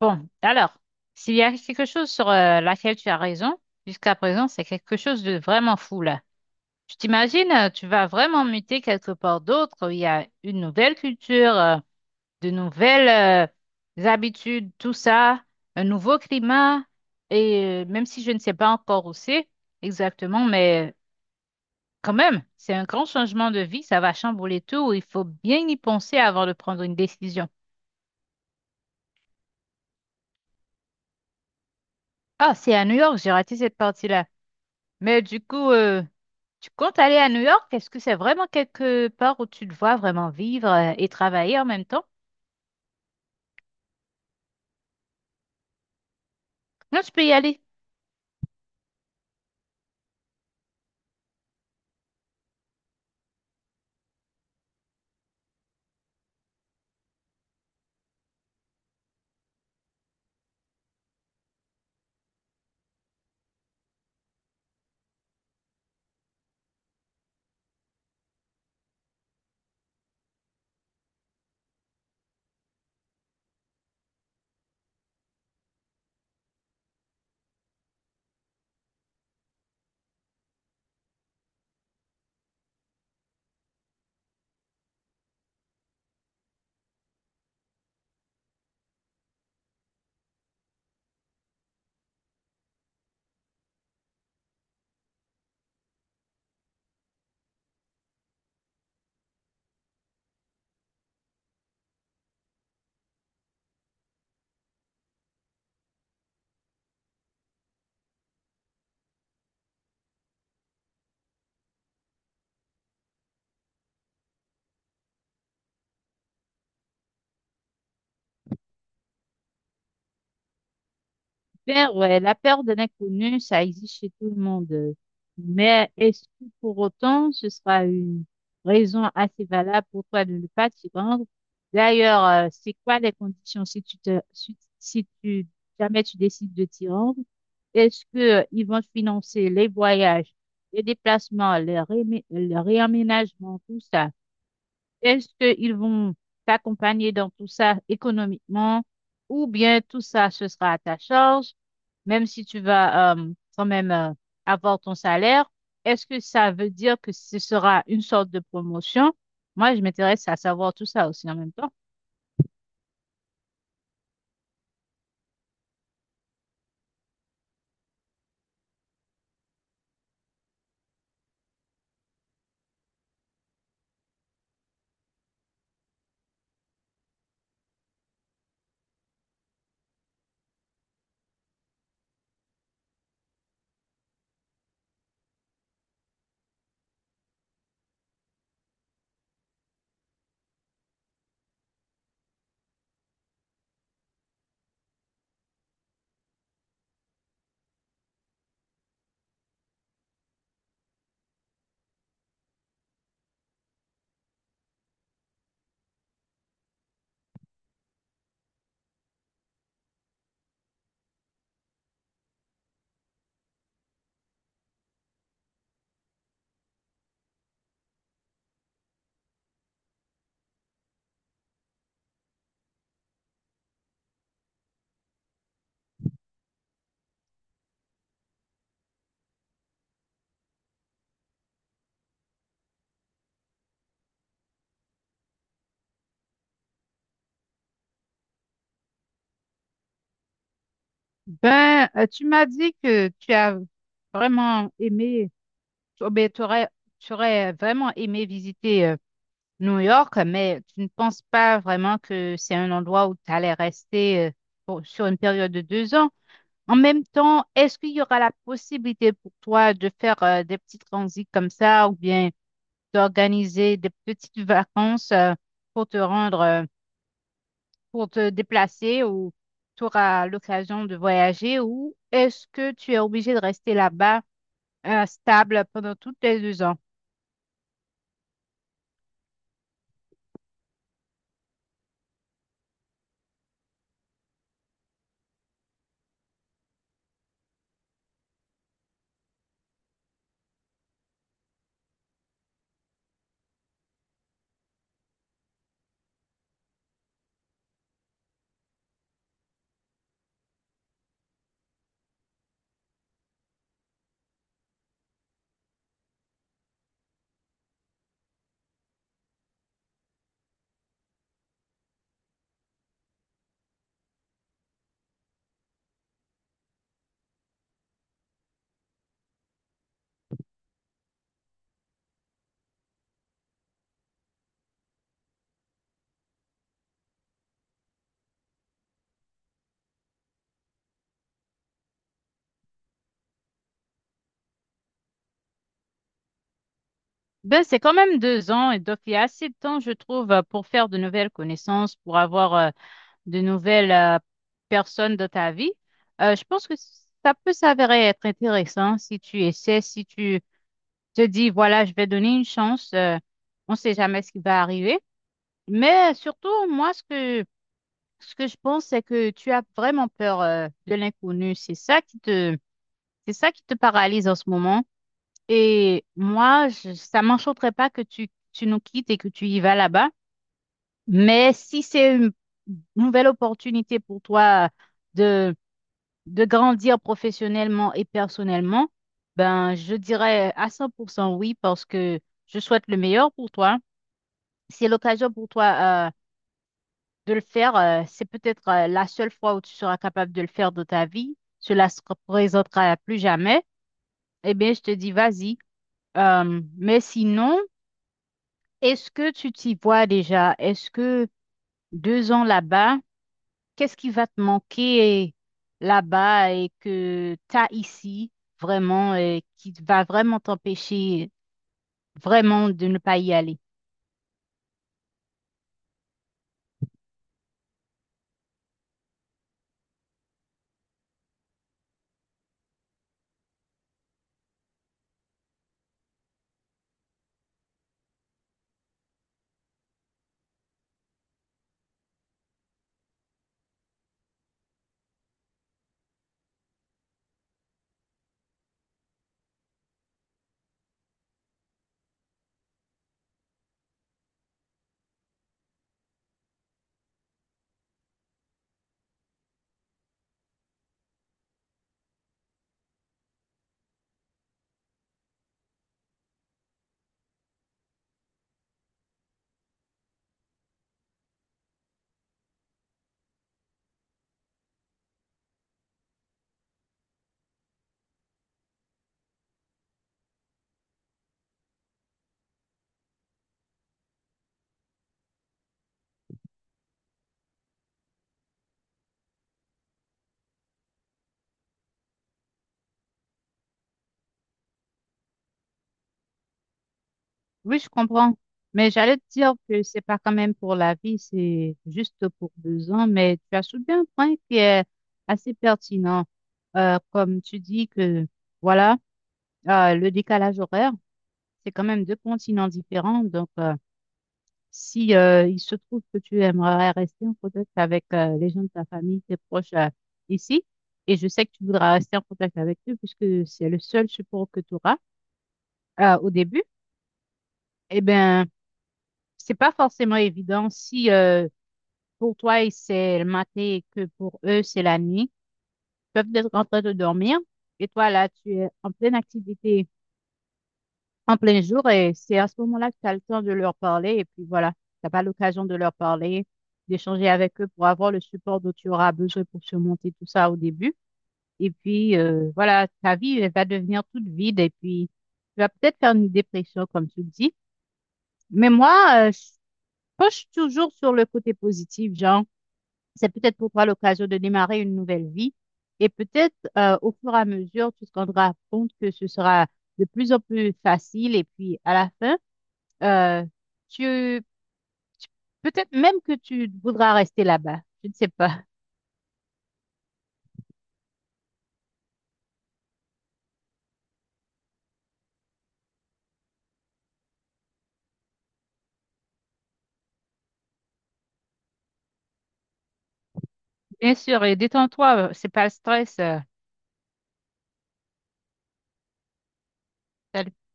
Bon, alors, s'il y a quelque chose sur laquelle tu as raison, jusqu'à présent, c'est quelque chose de vraiment fou là. Tu t'imagines, tu vas vraiment muter quelque part d'autre, où il y a une nouvelle culture, de nouvelles habitudes, tout ça, un nouveau climat, et même si je ne sais pas encore où c'est exactement, quand même, c'est un grand changement de vie, ça va chambouler tout, il faut bien y penser avant de prendre une décision. Ah, c'est à New York, j'ai raté cette partie-là. Mais du coup, tu comptes aller à New York? Est-ce que c'est vraiment quelque part où tu te vois vraiment vivre et travailler en même temps? Non, tu peux y aller. Bien, ouais, la peur de l'inconnu, ça existe chez tout le monde. Mais est-ce que pour autant, ce sera une raison assez valable pour toi de ne pas t'y rendre? D'ailleurs, c'est quoi les conditions si jamais tu décides de t'y rendre? Est-ce que ils vont te financer les voyages, les déplacements, le réaménagement, tout ça? Est-ce qu'ils vont t'accompagner dans tout ça économiquement ou bien tout ça, ce sera à ta charge, même si tu vas quand même avoir ton salaire? Est-ce que ça veut dire que ce sera une sorte de promotion? Moi, je m'intéresse à savoir tout ça aussi en même temps. Tu m'as dit que tu as vraiment aimé, tu, ben, t'aurais- tu aurais, vraiment aimé visiter New York, mais tu ne penses pas vraiment que c'est un endroit où tu allais rester sur une période de 2 ans. En même temps, est-ce qu'il y aura la possibilité pour toi de faire des petits transits comme ça ou bien d'organiser des petites vacances pour te rendre, euh, pour te déplacer ou tu auras l'occasion de voyager ou est-ce que tu es obligé de rester là-bas, stable pendant toutes les 2 ans? Ben, c'est quand même 2 ans et donc il y a assez de temps, je trouve, pour faire de nouvelles connaissances, pour avoir de nouvelles personnes dans ta vie. Je pense que ça peut s'avérer être intéressant si tu essaies, si tu te dis, voilà, je vais donner une chance. On ne sait jamais ce qui va arriver. Mais surtout, moi, ce que je pense, c'est que tu as vraiment peur, de l'inconnu. C'est ça qui te, c'est ça qui te paralyse en ce moment. Et moi, ça m'enchanterait pas que tu nous quittes et que tu y vas là-bas. Mais si c'est une nouvelle opportunité pour toi de, de grandir professionnellement et personnellement, ben, je dirais à 100% oui parce que je souhaite le meilleur pour toi. Si c'est l'occasion pour toi de le faire. C'est peut-être la seule fois où tu seras capable de le faire de ta vie. Cela se représentera plus jamais. Eh bien, je te dis, vas-y. Mais sinon, est-ce que tu t'y vois déjà? Est-ce que 2 ans là-bas, qu'est-ce qui va te manquer là-bas et que tu as ici vraiment, et qui va vraiment t'empêcher vraiment de ne pas y aller? Oui, je comprends. Mais j'allais te dire que c'est pas quand même pour la vie, c'est juste pour 2 ans. Mais tu as soulevé un point qui est assez pertinent. Comme tu dis que, voilà, le décalage horaire, c'est quand même deux continents différents. Donc, si il se trouve que tu aimerais rester en contact avec les gens de ta famille, tes proches ici, et je sais que tu voudras rester en contact avec eux puisque c'est le seul support que tu auras au début, eh bien, c'est pas forcément évident si pour toi c'est le matin et que pour eux c'est la nuit. Ils peuvent être en train de dormir et toi là tu es en pleine activité, en plein jour et c'est à ce moment-là que tu as le temps de leur parler et puis voilà, t'as pas l'occasion de leur parler, d'échanger avec eux pour avoir le support dont tu auras besoin pour surmonter tout ça au début. Et puis voilà, ta vie elle va devenir toute vide et puis tu vas peut-être faire une dépression comme tu le dis. Mais moi, je penche toujours sur le côté positif, genre. C'est peut-être pour toi l'occasion de démarrer une nouvelle vie. Et peut-être au fur et à mesure, tu te rendras compte que ce sera de plus en plus facile. Et puis à la fin, euh, tu peut-être même que tu voudras rester là-bas. Je ne sais pas. Bien sûr, et détends-toi, c'est pas le stress. T'as le